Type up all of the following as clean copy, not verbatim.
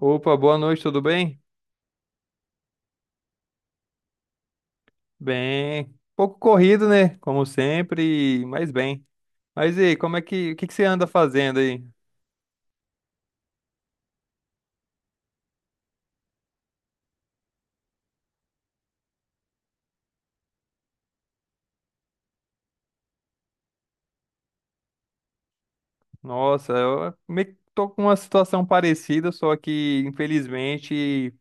Opa, boa noite, tudo bem? Bem, pouco corrido, né? Como sempre, mas bem. Mas e aí, como é que, o que que você anda fazendo aí? Nossa, eu meio que tô com uma situação parecida, só que infelizmente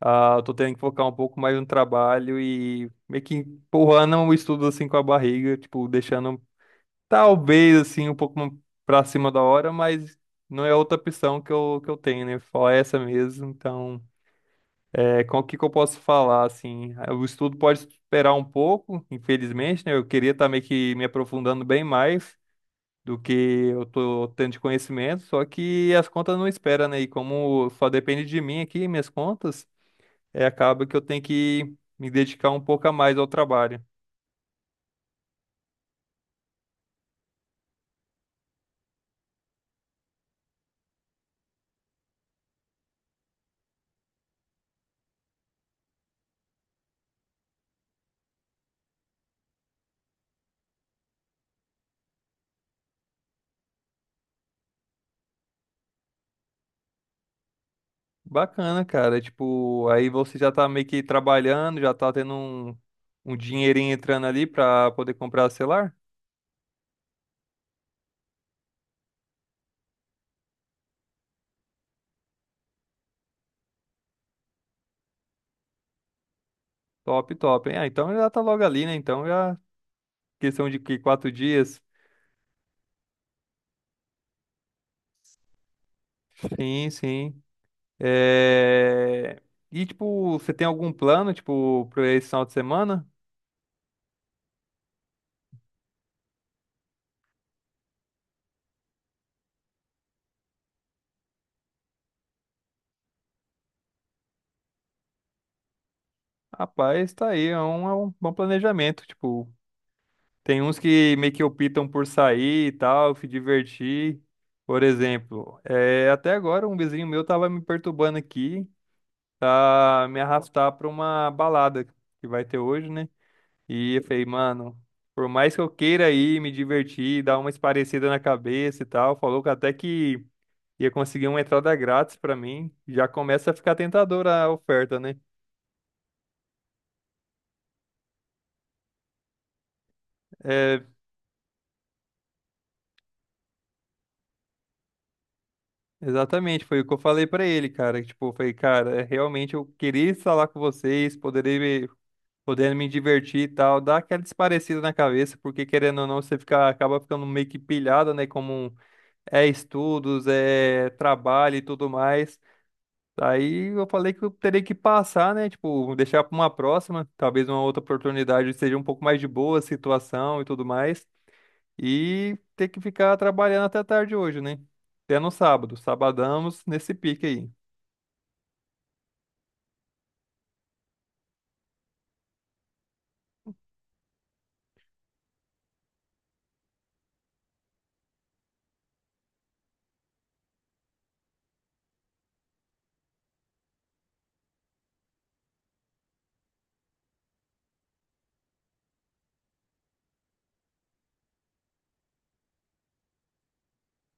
eu tô tendo que focar um pouco mais no trabalho e meio que empurrando o estudo assim com a barriga, tipo, deixando talvez assim um pouco pra cima da hora, mas não é outra opção que eu tenho, né? Só essa mesmo, então. É, com o que que eu posso falar, assim, ah, o estudo pode esperar um pouco, infelizmente, né? Eu queria estar meio que me aprofundando bem mais do que eu tô tendo de conhecimento, só que as contas não esperam, né? E como só depende de mim aqui, minhas contas, é, acaba que eu tenho que me dedicar um pouco a mais ao trabalho. Bacana, cara, tipo, aí você já tá meio que trabalhando, já tá tendo um dinheirinho entrando ali pra poder comprar celular? Top, top, hein? Ah, então já tá logo ali, né? Então já. Questão de que, 4 dias? Sim, sim. É. E, tipo, você tem algum plano, tipo, para esse final de semana? Rapaz, tá aí, é um bom planejamento. Tipo, tem uns que meio que optam por sair e tal, se divertir. Por exemplo, é, até agora um vizinho meu tava me perturbando aqui, tá me arrastar pra uma balada que vai ter hoje, né? E eu falei, mano, por mais que eu queira ir me divertir, dar uma esparecida na cabeça e tal, falou que até que ia conseguir uma entrada grátis pra mim, já começa a ficar tentadora a oferta, né? É, exatamente, foi o que eu falei pra ele, cara. Tipo, eu falei, cara, é, realmente eu queria estar lá com vocês, podendo me divertir e tal, dar aquela esparecida na cabeça, porque querendo ou não, você fica, acaba ficando meio que pilhado, né? Como é estudos, é trabalho e tudo mais. Aí eu falei que eu terei que passar, né? Tipo, deixar para uma próxima, talvez uma outra oportunidade seja um pouco mais de boa a situação e tudo mais. E ter que ficar trabalhando até tarde hoje, né? Até no sábado. Sabadamos nesse pique aí.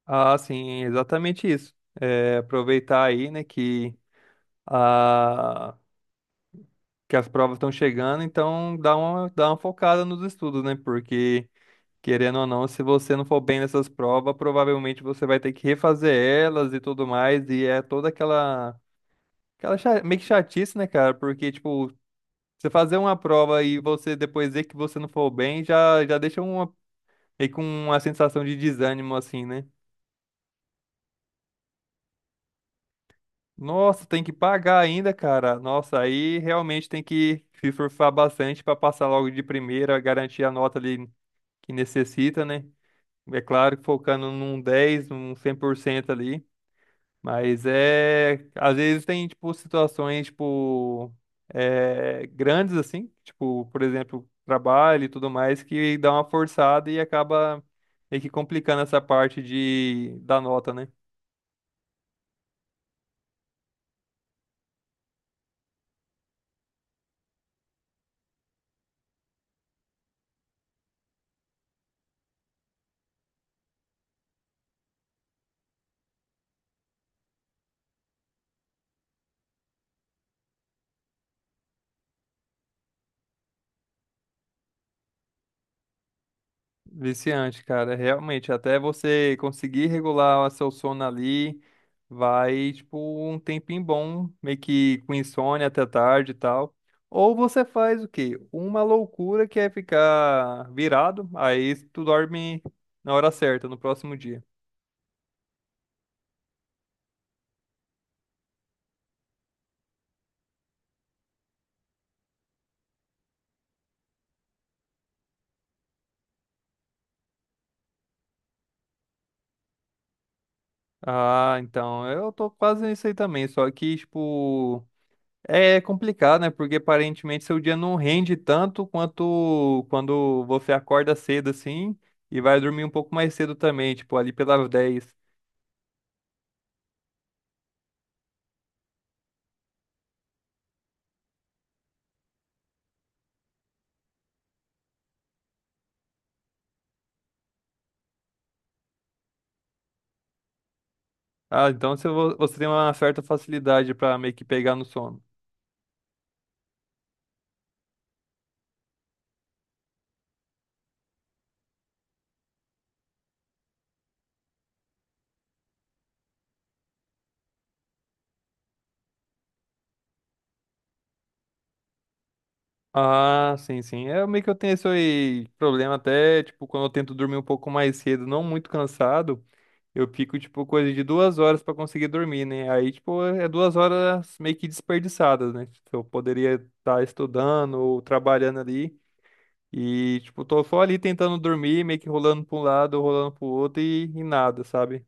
Ah, sim, exatamente isso. É, aproveitar aí, né, que, a, que as provas estão chegando, então dá uma focada nos estudos, né? Porque, querendo ou não, se você não for bem nessas provas, provavelmente você vai ter que refazer elas e tudo mais, e é toda aquela meio que chatice, né, cara? Porque, tipo, você fazer uma prova e você depois ver que você não for bem, já deixa uma, meio com uma sensação de desânimo, assim, né? Nossa, tem que pagar ainda, cara. Nossa, aí realmente tem que se surfar bastante para passar logo de primeira, garantir a nota ali que necessita, né? É claro que focando num 10, num 100% ali. Mas é. Às vezes tem, tipo, situações, tipo, é, grandes, assim. Tipo, por exemplo, trabalho e tudo mais, que dá uma forçada e acaba meio que complicando essa parte da nota, né? Viciante, cara, realmente, até você conseguir regular seu sono ali, vai, tipo, um tempinho bom, meio que com insônia até tarde e tal. Ou você faz o quê? Uma loucura que é ficar virado, aí tu dorme na hora certa, no próximo dia. Ah, então, eu tô quase nisso aí também, só que, tipo, é complicado, né? Porque aparentemente seu dia não rende tanto quanto quando você acorda cedo assim e vai dormir um pouco mais cedo também, tipo ali pelas 10. Ah, então você você tem uma certa facilidade pra meio que pegar no sono. Ah, sim, sim. É meio que eu tenho esse aí problema até, tipo, quando eu tento dormir um pouco mais cedo, não muito cansado, eu fico, tipo, coisa de 2 horas pra conseguir dormir, né? Aí, tipo, é 2 horas meio que desperdiçadas, né? Tipo, eu poderia estar estudando ou trabalhando ali. E, tipo, tô só ali tentando dormir, meio que rolando pra um lado, rolando pro outro e nada, sabe?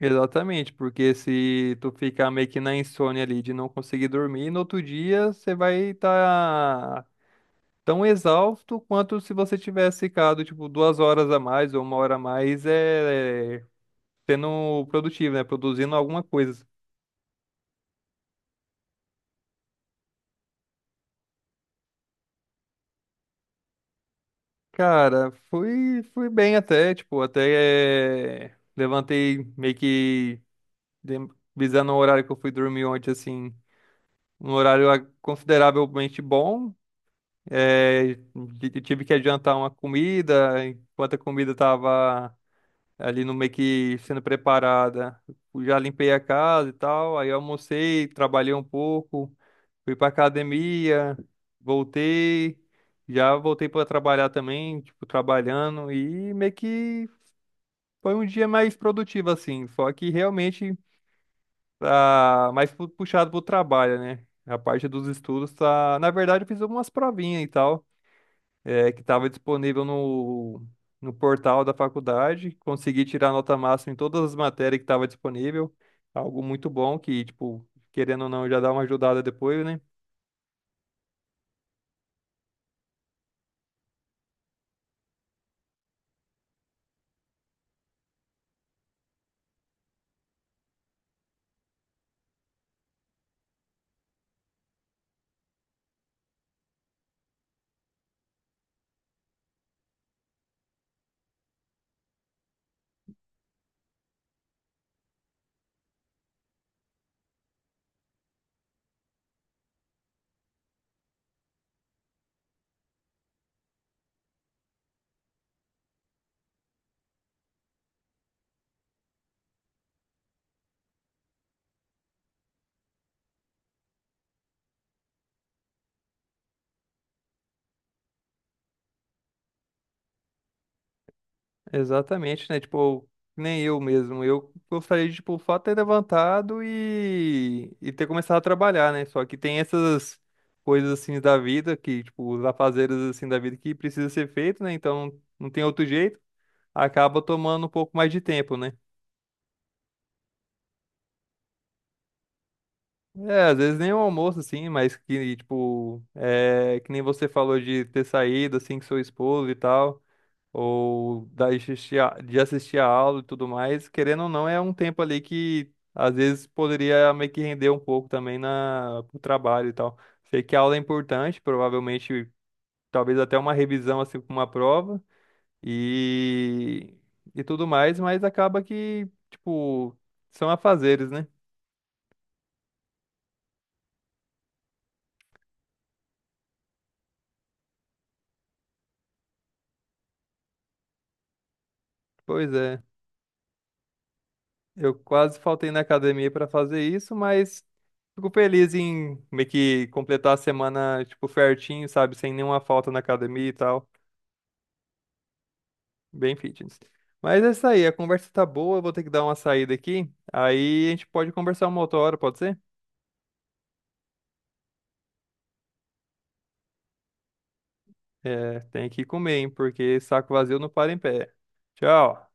Exatamente, porque se tu ficar meio que na insônia ali de não conseguir dormir, no outro dia você vai estar tão exausto quanto se você tivesse ficado, tipo, 2 horas a mais ou 1 hora a mais, sendo produtivo, né? Produzindo alguma coisa. Cara, fui, fui bem até, tipo, até é, levantei meio que. Dem- Visando o horário que eu fui dormir ontem, assim, um horário consideravelmente bom. É, tive que adiantar uma comida, enquanto a comida estava ali no meio que sendo preparada. Eu já limpei a casa e tal, aí eu almocei, trabalhei um pouco, fui pra academia, voltei, já voltei para trabalhar também, tipo, trabalhando, e meio que foi um dia mais produtivo, assim. Só que realmente tá mais puxado pro trabalho, né? A parte dos estudos tá. Na verdade, eu fiz algumas provinhas e tal, é, que tava disponível no portal da faculdade. Consegui tirar nota máxima em todas as matérias que tava disponível. Algo muito bom que, tipo, querendo ou não, já dá uma ajudada depois, né? Exatamente, né? Tipo, nem eu mesmo. Eu gostaria de, tipo, o fato de ter levantado e ter começado a trabalhar, né? Só que tem essas coisas assim da vida que, tipo, os afazeres assim da vida que precisa ser feito, né? Então não tem outro jeito. Acaba tomando um pouco mais de tempo, né? É, às vezes nem o almoço, assim, mas que, tipo, é, que nem você falou de ter saído, assim, com seu esposo e tal. Ou de assistir a aula e tudo mais, querendo ou não, é um tempo ali que às vezes poderia meio que render um pouco também na pro trabalho e tal. Sei que a aula é importante, provavelmente talvez até uma revisão assim com uma prova e e tudo mais, mas acaba que, tipo, são afazeres, né? Pois é. Eu quase faltei na academia pra fazer isso, mas fico feliz em meio que completar a semana, tipo, certinho, sabe? Sem nenhuma falta na academia e tal. Bem fitness. Mas é isso aí, a conversa tá boa, eu vou ter que dar uma saída aqui. Aí a gente pode conversar uma outra hora, pode ser? É, tem que comer, hein? Porque saco vazio não para em pé. Tchau.